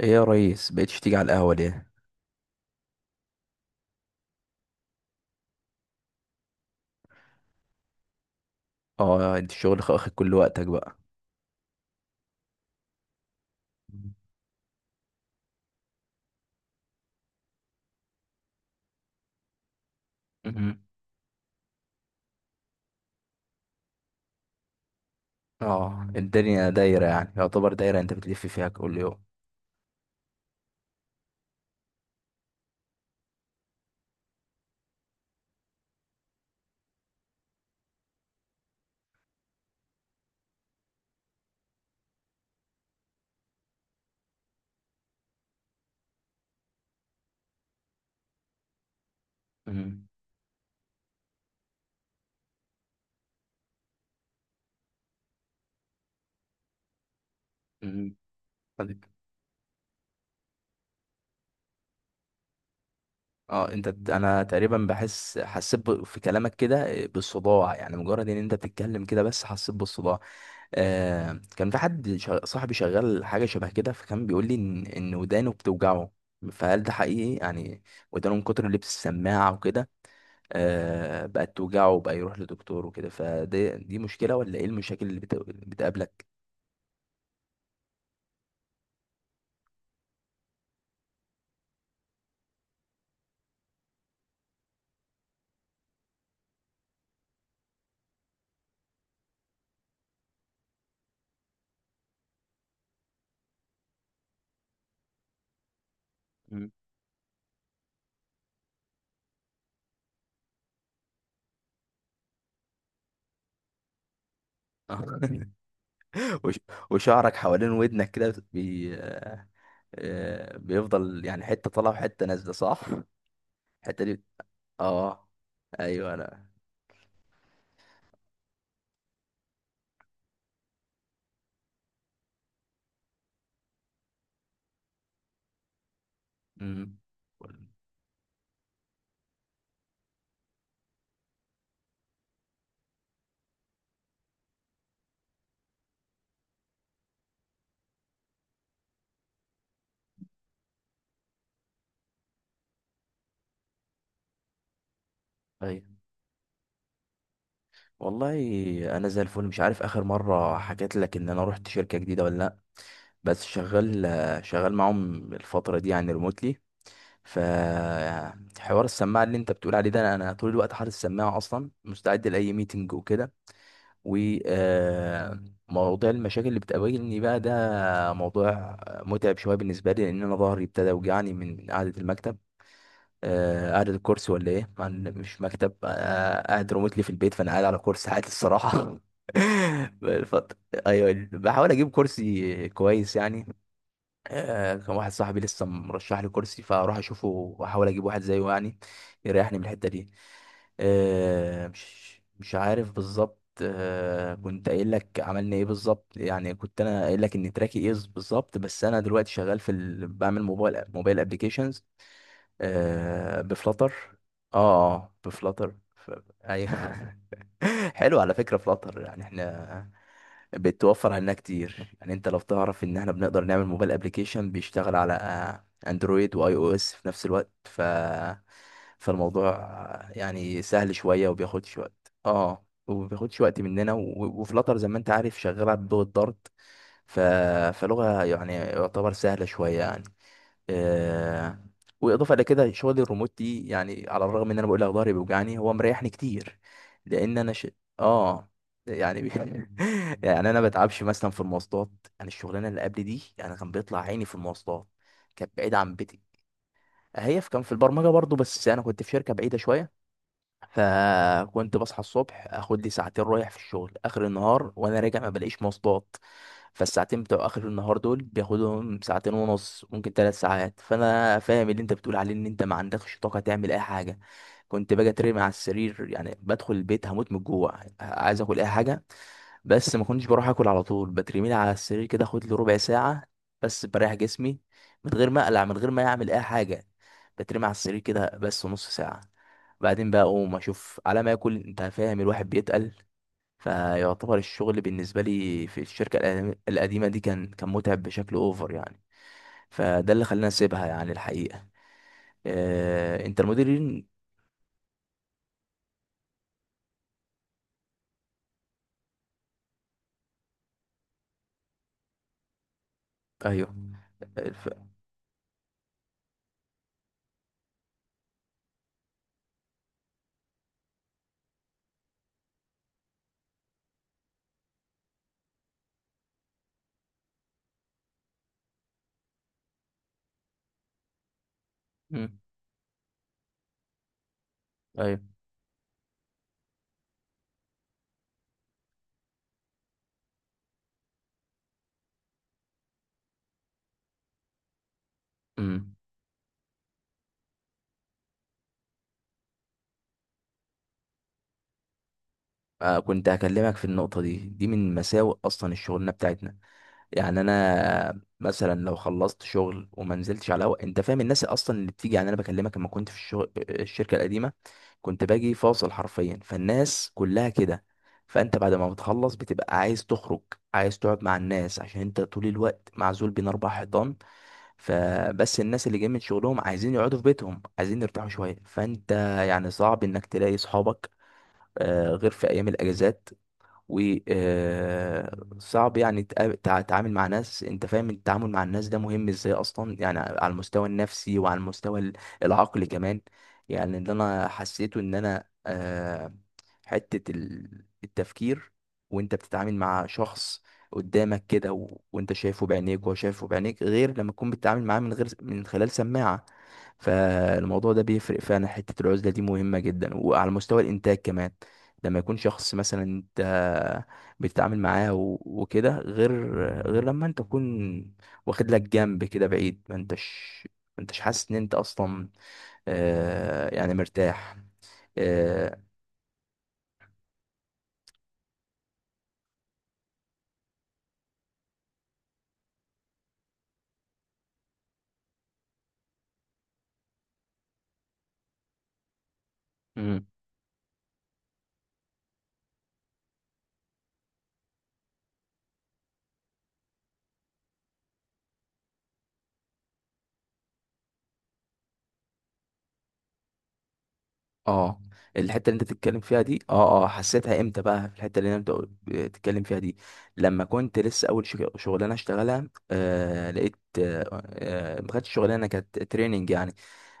ايه يا ريس بقيتش تيجي على القهوة ليه؟ اه انت الشغل واخد كل وقتك بقى. مهم. اه الدنيا دايرة، يعني يعتبر دايرة انت بتلف فيها كل يوم. مهم. مهم. طيب. اه انت انا تقريبا حسيت في كلامك كده، بالصداع، يعني مجرد ان انت بتتكلم كده بس حسيت بالصداع. آه، كان في حد صاحبي شغال حاجة شبه كده، فكان بيقول لي ان ودانه بتوجعه. فهل ده حقيقي يعني؟ ودانه من كتر اللبس السماعة وكده، بقت توجعه وبقى يروح لدكتور وكده. فدي، دي مشكلة ولا ايه المشاكل اللي بتقابلك؟ مم. آه. وش- وشعرك حوالين ودنك كده بيفضل يعني حتة طالعة وحتة نازلة، صح؟ الحتة دي. اه. ايوه انا. مم. ايوه. والله انا زي الفل. مش عارف اخر مرة حكيت لك ان انا رحت شركة جديدة ولا لا، بس شغال معاهم الفترة دي يعني ريموتلي. فحوار السماعه اللي انت بتقول عليه ده، أنا طول الوقت حاطط السماعه، اصلا مستعد لاي ميتنج وكده. وموضوع المشاكل اللي بتقابلني بقى، ده موضوع متعب شويه بالنسبه لي، لان انا ظهري ابتدى يوجعني من قعده المكتب، قعده الكرسي ولا ايه، مع إن مش مكتب، قاعد ريموتلي في البيت، فانا قاعد على كرسي عادي الصراحه. الفترة. ايوه بحاول اجيب كرسي كويس يعني. كان واحد صاحبي لسه مرشح لي كرسي، فاروح اشوفه واحاول اجيب واحد زيه يعني، يريحني من الحته دي، آه، مش مش عارف بالظبط. كنت قايل لك عملنا ايه بالظبط، يعني كنت انا قايل لك ان تراكي ايه بالظبط، بس انا دلوقتي شغال في بعمل موبايل ابلكيشنز، آه بفلاتر. اه اه بفلاتر ايوه. حلو على فكره. فلاتر يعني احنا بتوفر علينا كتير، يعني انت لو تعرف ان احنا بنقدر نعمل موبايل ابليكيشن بيشتغل على اندرويد واي او اس في نفس الوقت، ف فالموضوع يعني سهل شويه، وبياخدش وقت، وبياخدش وقت مننا. وفلاتر زي ما انت عارف شغاله بلغه دارت، ف... فلغه يعني يعتبر سهله شويه يعني، آه، واضافه الى كده شغل الريموت دي يعني على الرغم ان انا بقول لك ظهري بيوجعني، هو مريحني كتير، لان انا اه يعني، يعني انا ما بتعبش مثلا في المواصلات. انا الشغلانه اللي قبل دي انا كان بيطلع عيني في المواصلات، كانت بعيده عن بيتي. هي في كان في البرمجه برضو، بس انا كنت في شركه بعيده شويه، فكنت بصحى الصبح اخد لي ساعتين رايح في الشغل، اخر النهار وانا راجع ما بلاقيش مواصلات، فالساعتين بتوع اخر النهار دول بياخدهم ساعتين ونص، ممكن 3 ساعات. فانا فاهم اللي انت بتقول عليه ان انت ما عندكش طاقه تعمل اي حاجه. كنت باجي اترمي على السرير يعني، بدخل البيت هموت من الجوع عايز اكل اي حاجه، بس ما كنتش بروح اكل على طول، بترميلي على السرير كده اخد لي ربع ساعه بس بريح جسمي، من غير ما اقلع، من غير ما اعمل اي حاجه، بترمي على السرير كده بس نص ساعه. بعدين بقى اقوم اشوف على ما اكل. انت فاهم الواحد بيتقل. فيعتبر الشغل بالنسبه لي في الشركه القديمه دي كان متعب بشكل اوفر يعني. فده اللي خلاني اسيبها يعني الحقيقه. انت المديرين. ايوه. الف... مم. ايوه. مم. آه كنت هكلمك في النقطه دي. دي من مساوئ اصلا الشغلانه بتاعتنا. يعني انا مثلا لو خلصت شغل وما نزلتش على هوا، انت فاهم، الناس اصلا اللي بتيجي يعني انا بكلمك لما كنت في الشغل الشركه القديمه، كنت باجي فاصل حرفيا، فالناس كلها كده. فانت بعد ما بتخلص بتبقى عايز تخرج، عايز تقعد مع الناس، عشان انت طول الوقت معزول بين اربع حيطان. فبس الناس اللي جايين من شغلهم عايزين يقعدوا في بيتهم، عايزين يرتاحوا شويه، فانت يعني صعب انك تلاقي صحابك، غير في ايام الاجازات. وصعب يعني تتعامل مع ناس. انت فاهم التعامل مع الناس ده مهم ازاي اصلا، يعني على المستوى النفسي وعلى المستوى العقلي كمان. يعني اللي انا حسيته ان انا، حتة التفكير، وانت بتتعامل مع شخص قدامك كده وانت شايفه بعينيك وهو شايفه بعينيك، غير لما تكون بتتعامل معاه من غير من خلال سماعة. فالموضوع ده بيفرق فعلا. حتة العزلة دي مهمة جدا، وعلى مستوى الإنتاج كمان، لما يكون شخص مثلا انت بتتعامل معاه وكده، غير لما انت تكون واخد لك جنب كده بعيد، ما انتش حاسس ان انت اصلا، يعني مرتاح. آه. اه، الحته اللي انت بتتكلم فيها دي، حسيتها امتى بقى؟ في الحته اللي انت بتتكلم فيها دي، لما كنت لسه اول شغلانه اشتغلها، لقيت، ما كانتش شغلانه، كانت تريننج يعني.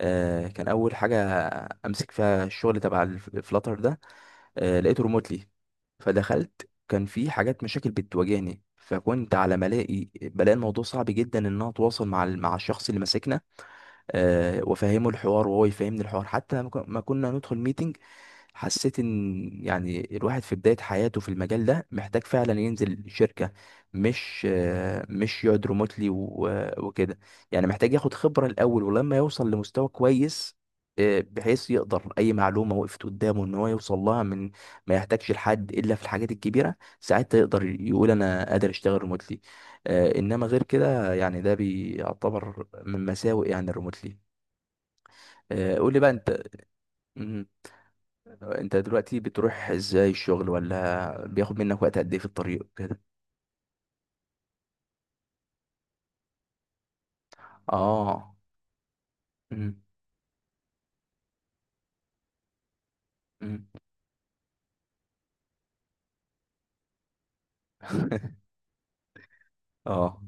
كان اول حاجه امسك فيها الشغل تبع الفلاتر ده، لقيته ريموتلي. فدخلت كان في حاجات مشاكل بتواجهني، فكنت على ما الاقي بلاقي الموضوع صعب جدا ان انا اتواصل مع مع الشخص اللي ماسكنا، وافهمه الحوار وهو يفهمني الحوار. حتى لما ما كنا ندخل ميتنج، حسيت ان يعني الواحد في بداية حياته في المجال ده محتاج فعلا ينزل شركة، مش يقعد ريموتلي وكده. يعني محتاج ياخد خبرة الأول، ولما يوصل لمستوى كويس، بحيث يقدر أي معلومة وقفت قدامه إن هو يوصل لها من ما يحتاجش لحد إلا في الحاجات الكبيرة، ساعتها يقدر يقول أنا قادر أشتغل ريموتلي. إنما غير كده يعني ده بيعتبر من مساوئ يعني الريموتلي. قول لي بقى أنت، انت دلوقتي بتروح ازاي الشغل؟ ولا بياخد منك وقت قد ايه في الطريق كده؟ اه. مم. مم. اه.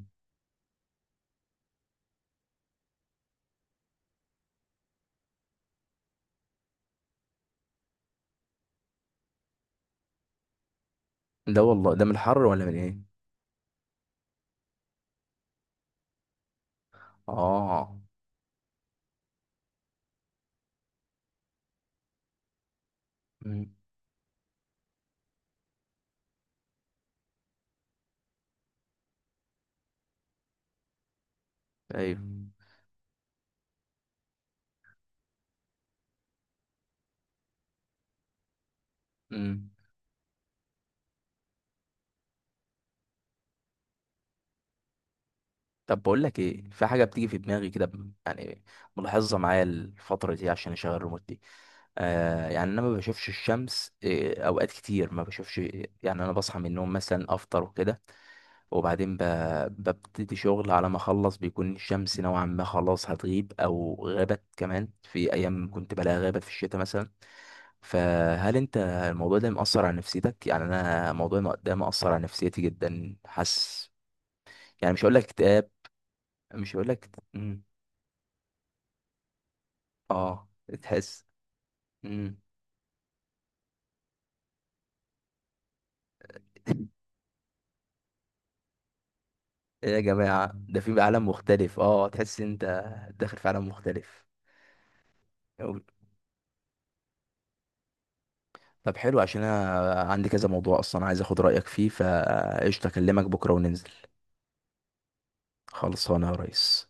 ده والله ده من الحر ولا من ايه؟ اه. مم. ايوه. مم. طب بقول لك ايه، في حاجه بتيجي في دماغي كده يعني، ملاحظها معايا الفتره دي عشان اشغل الريموت دي. يعني انا ما بشوفش الشمس، اوقات كتير ما بشوفش. يعني انا بصحى من النوم مثلا افطر وكده، وبعدين ببتدي شغل. على ما اخلص بيكون الشمس نوعا ما خلاص هتغيب او غابت. كمان في ايام كنت بلاقيها غابت في الشتاء مثلا. فهل انت الموضوع ده مأثر على نفسيتك؟ يعني انا الموضوع ده مأثر على نفسيتي جدا، حاسس. يعني مش هقول لك اكتئاب، مش هقول لك. مم. اه. تحس. مم. ايه يا جماعة، ده في عالم مختلف. اه، تحس انت داخل في عالم مختلف. طب حلو، عشان انا عندي كذا موضوع اصلا عايز اخد رايك فيه. فقشطه، اكلمك بكره وننزل. خلصانه يا ريس.